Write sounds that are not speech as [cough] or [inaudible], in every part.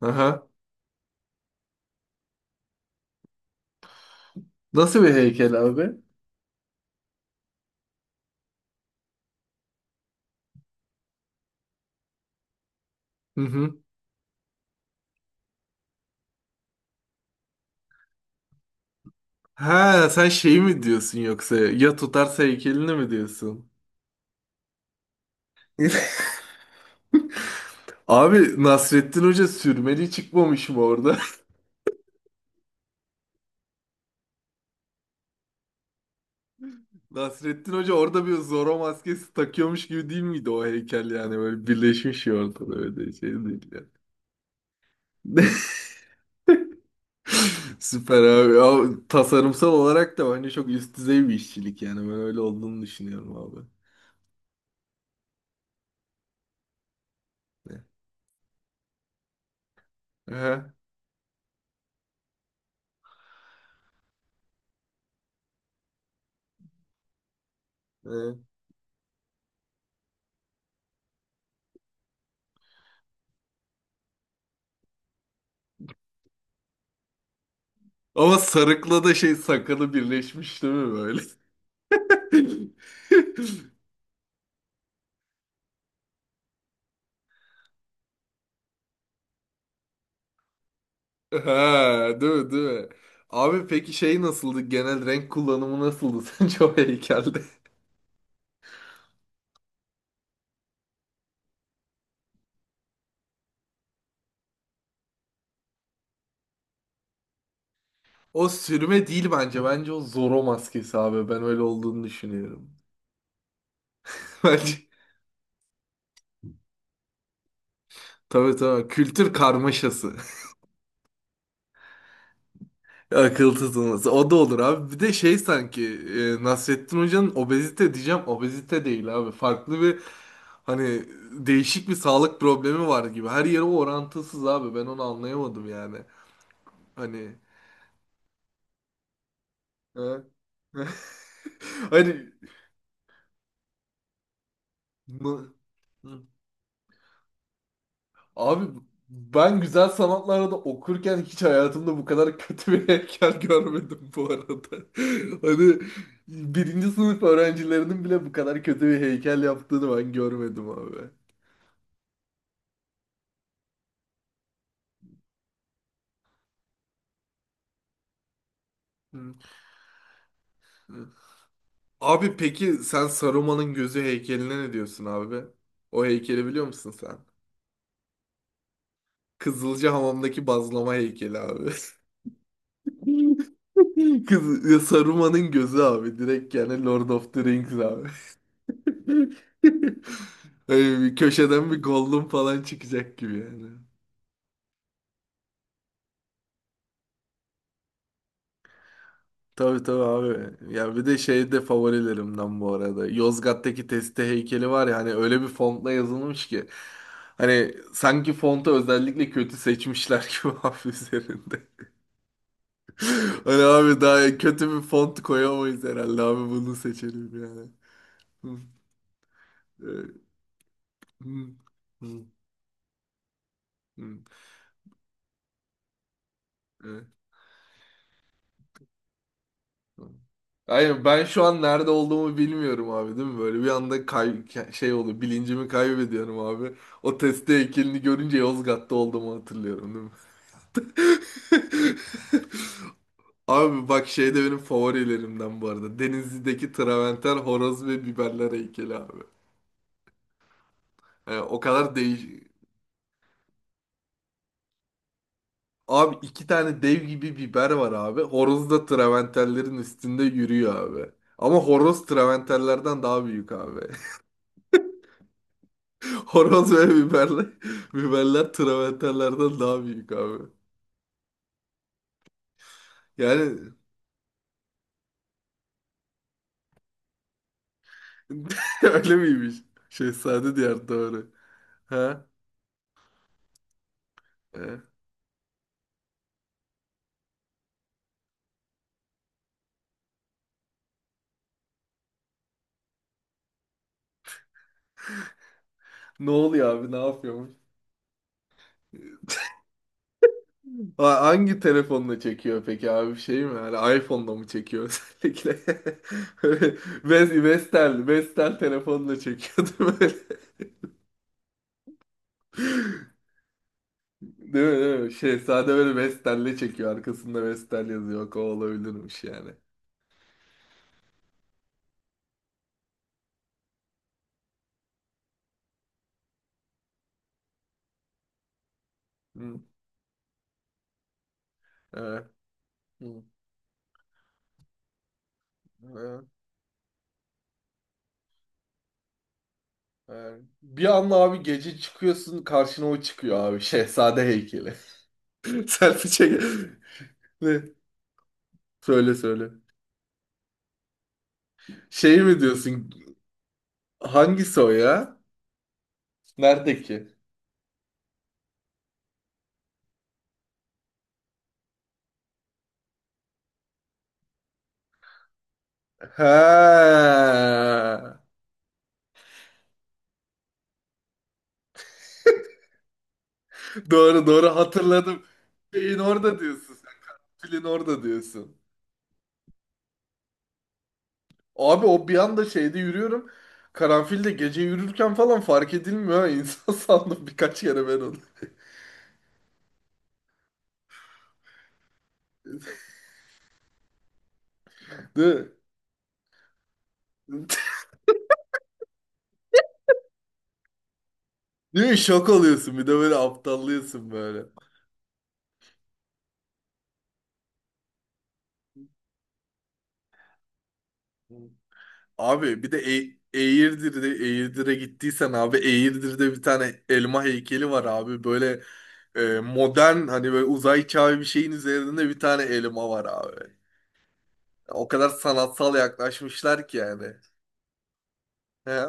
Aha. Nasıl bir heykel abi? Hı hı. Ha sen şeyi mi diyorsun yoksa ya tutarsa heykelini mi diyorsun? [laughs] Abi Nasrettin Hoca sürmeli çıkmamış mı orada? [laughs] Nasrettin Hoca orada bir Zorro maskesi takıyormuş gibi değil miydi o heykel yani böyle birleşmiş ya ortada öyle şey değil yani. [laughs] Süper abi. Ya, tasarımsal olarak da bence çok üst düzey bir işçilik yani ben öyle olduğunu düşünüyorum abi. Aha. Ama sarıkla da şey sakalı birleşmiş değil mi böyle? [laughs] Ha, değil mi, değil mi? Abi peki şey nasıldı? Genel renk kullanımı nasıldı [laughs] sence o heykelde? O sürme değil bence. Bence o Zorro maskesi abi. Ben öyle olduğunu düşünüyorum. [laughs] Bence tabii tabii kültür karmaşası. Akıl tutulması. O da olur abi. Bir de şey sanki Nasrettin Hoca'nın obezite diyeceğim. Obezite değil abi. Farklı bir hani değişik bir sağlık problemi var gibi. Her yeri orantısız abi. Ben onu anlayamadım yani. Hani. Ha? [laughs] Hani. Mı? Abi ben güzel sanatlarda da okurken hiç hayatımda bu kadar kötü bir heykel [laughs] görmedim bu arada. [laughs] Hani birinci sınıf öğrencilerinin bile bu kadar kötü bir heykel yaptığını ben görmedim abi. Hı, hı. Abi peki sen Saruman'ın gözü heykeline ne diyorsun abi? O heykeli biliyor musun sen? Kızılcahamam'daki bazlama heykeli abi. [laughs] Saruman'ın gözü abi direkt yani Lord of the Rings abi. [laughs] Hani bir köşeden bir Gollum falan çıkacak gibi yani. Tabii tabii abi. Ya bir de şey de favorilerimden bu arada. Yozgat'taki Teste heykeli var ya hani öyle bir fontla yazılmış ki. Hani sanki fontu özellikle kötü seçmişler gibi [laughs] abi üzerinde. Hani abi daha kötü bir font koyamayız herhalde abi bunu seçelim yani. Hı, e, hı, hı, hı. Hayır ben şu an nerede olduğumu bilmiyorum abi değil mi? Böyle bir anda şey oluyor bilincimi kaybediyorum abi. O testi heykelini görünce Yozgat'ta olduğumu hatırlıyorum değil mi? [laughs] Abi bak şey de benim favorilerimden bu arada. Denizli'deki Traventer, horoz ve biberler heykeli abi. Yani o kadar değiş... Abi iki tane dev gibi biber var abi. Horoz da Traventerlerin üstünde yürüyor abi. Ama horoz Traventerlerden daha büyük abi. Horoz ve biberle, [laughs] biberler travertenlerden daha büyük abi. Yani [laughs] öyle miymiş? Şehzade diğer doğru. Ha? E. Ne oluyor abi? Ne yapıyormuş? [laughs] Ha, hangi telefonla çekiyor peki abi? Şey mi? Hani iPhone'la mı çekiyor özellikle? [laughs] Vestel, Vestel telefonla çekiyor değil mi? [laughs] Değil mi, değil mi? Şehzade böyle Vestel'le çekiyor. Arkasında Vestel yazıyor. O olabilirmiş yani. Hı. Evet. Hı. Evet. Yani bir anda abi gece çıkıyorsun karşına o çıkıyor abi. Şehzade heykeli. [laughs] Selfie çek. Ne? Söyle söyle. Şey mi diyorsun? Hangisi o ya? Neredeki? He. Doğru doğru hatırladım. Şeyin orada diyorsun sen. Filin orada diyorsun. Abi o bir anda şeyde yürüyorum. Karanfilde gece yürürken falan fark edilmiyor. Ha. İnsan [laughs] sandım birkaç kere ben onu. [laughs] Değil mi? Değil mi? Şok oluyorsun. Bir de böyle aptallıyorsun böyle. Abi bir de Eğirdir'de Eğirdir'e gittiysen abi Eğirdir'de bir tane elma heykeli var abi. Böyle modern hani böyle uzay çağı bir şeyin üzerinde bir tane elma var abi. O kadar sanatsal yaklaşmışlar ki yani. He?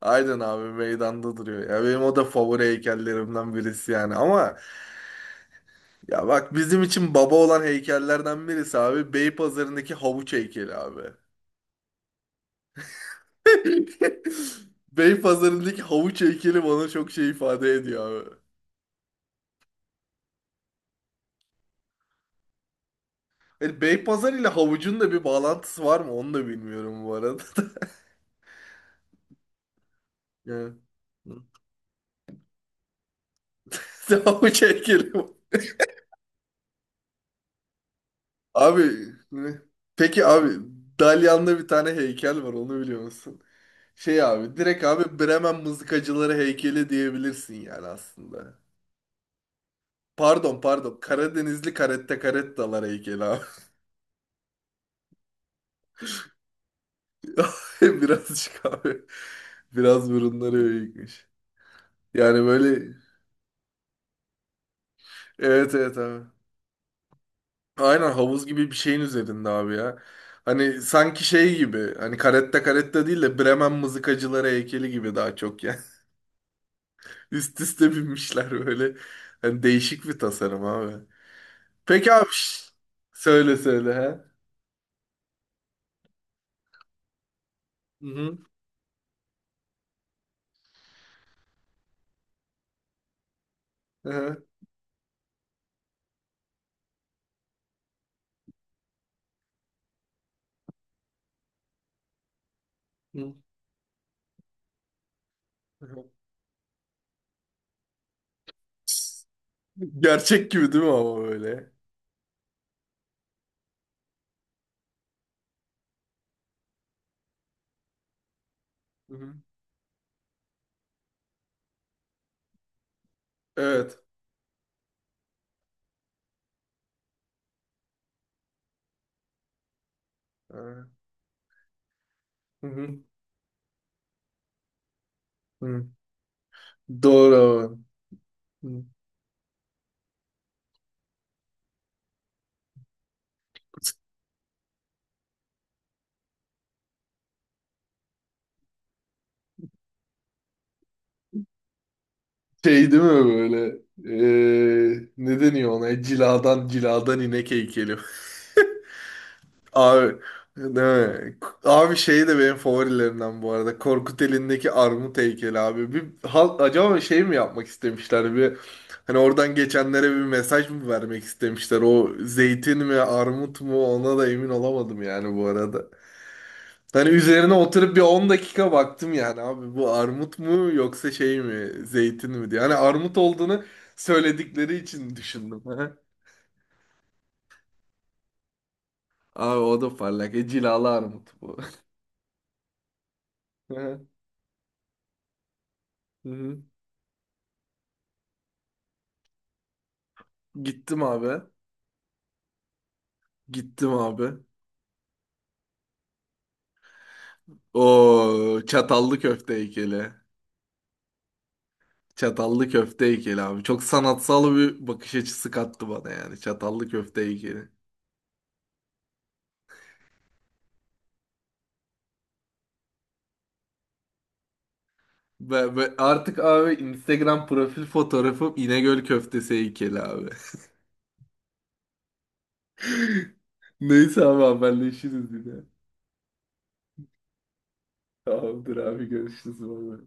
Aynen abi meydanda duruyor. Ya benim o da favori heykellerimden birisi yani. Ama ya bak bizim için baba olan heykellerden birisi abi Beypazarı'ndaki havuç heykeli abi. [laughs] Beypazarı'ndaki havuç heykeli bana çok şey ifade ediyor abi. Yani Beypazarı ile havucun da bir bağlantısı var mı onu da bilmiyorum bu arada. [laughs] Yani. [laughs] Havuç heykeli. Abi ne? Peki abi Dalyan'da bir tane heykel var onu biliyor musun? Şey abi direkt abi Bremen mızıkacıları heykeli diyebilirsin yani aslında. Pardon pardon Karadenizli karette karettalar heykeli abi. [laughs] Birazcık abi. Biraz burunları büyükmüş. Yani böyle evet evet abi. Aynen havuz gibi bir şeyin üzerinde abi ya. Hani sanki şey gibi hani karette karette değil de Bremen mızıkacıları heykeli gibi daha çok yani. [laughs] Üst üste binmişler böyle. Hani değişik bir tasarım abi. Peki abi şş, söyle söyle ha. Hı hı. Hı hı. Hı. [laughs] Hı. Gerçek gibi değil mi ama böyle? Hı hı. Evet. Hı. Hı hı. Doğru abi. Hı. Şey değil mi böyle? Ne deniyor ona? Ciladan inek heykeli. [laughs] Abi değil mi? Abi şey de benim favorilerimden bu arada. Korkut elindeki armut heykeli abi. Bir halk acaba şey mi yapmak istemişler? Bir hani oradan geçenlere bir mesaj mı vermek istemişler? O zeytin mi armut mu ona da emin olamadım yani bu arada. Hani üzerine oturup bir 10 dakika baktım yani abi bu armut mu yoksa şey mi zeytin mi diye. Hani armut olduğunu söyledikleri için düşündüm. [laughs] Abi o da parlak. E, cilalı armut bu. [laughs] Hı hı. Gittim abi. Gittim abi. O çatallı köfte heykeli. Çatallı köfte heykeli abi. Çok sanatsal bir bakış açısı kattı bana yani. Çatallı köfte heykeli. Ve artık abi Instagram profil fotoğrafım İnegöl köftesi heykeli abi. Neyse abi haberleşiriz yine. Tamamdır abi görüşürüz. Bay bay.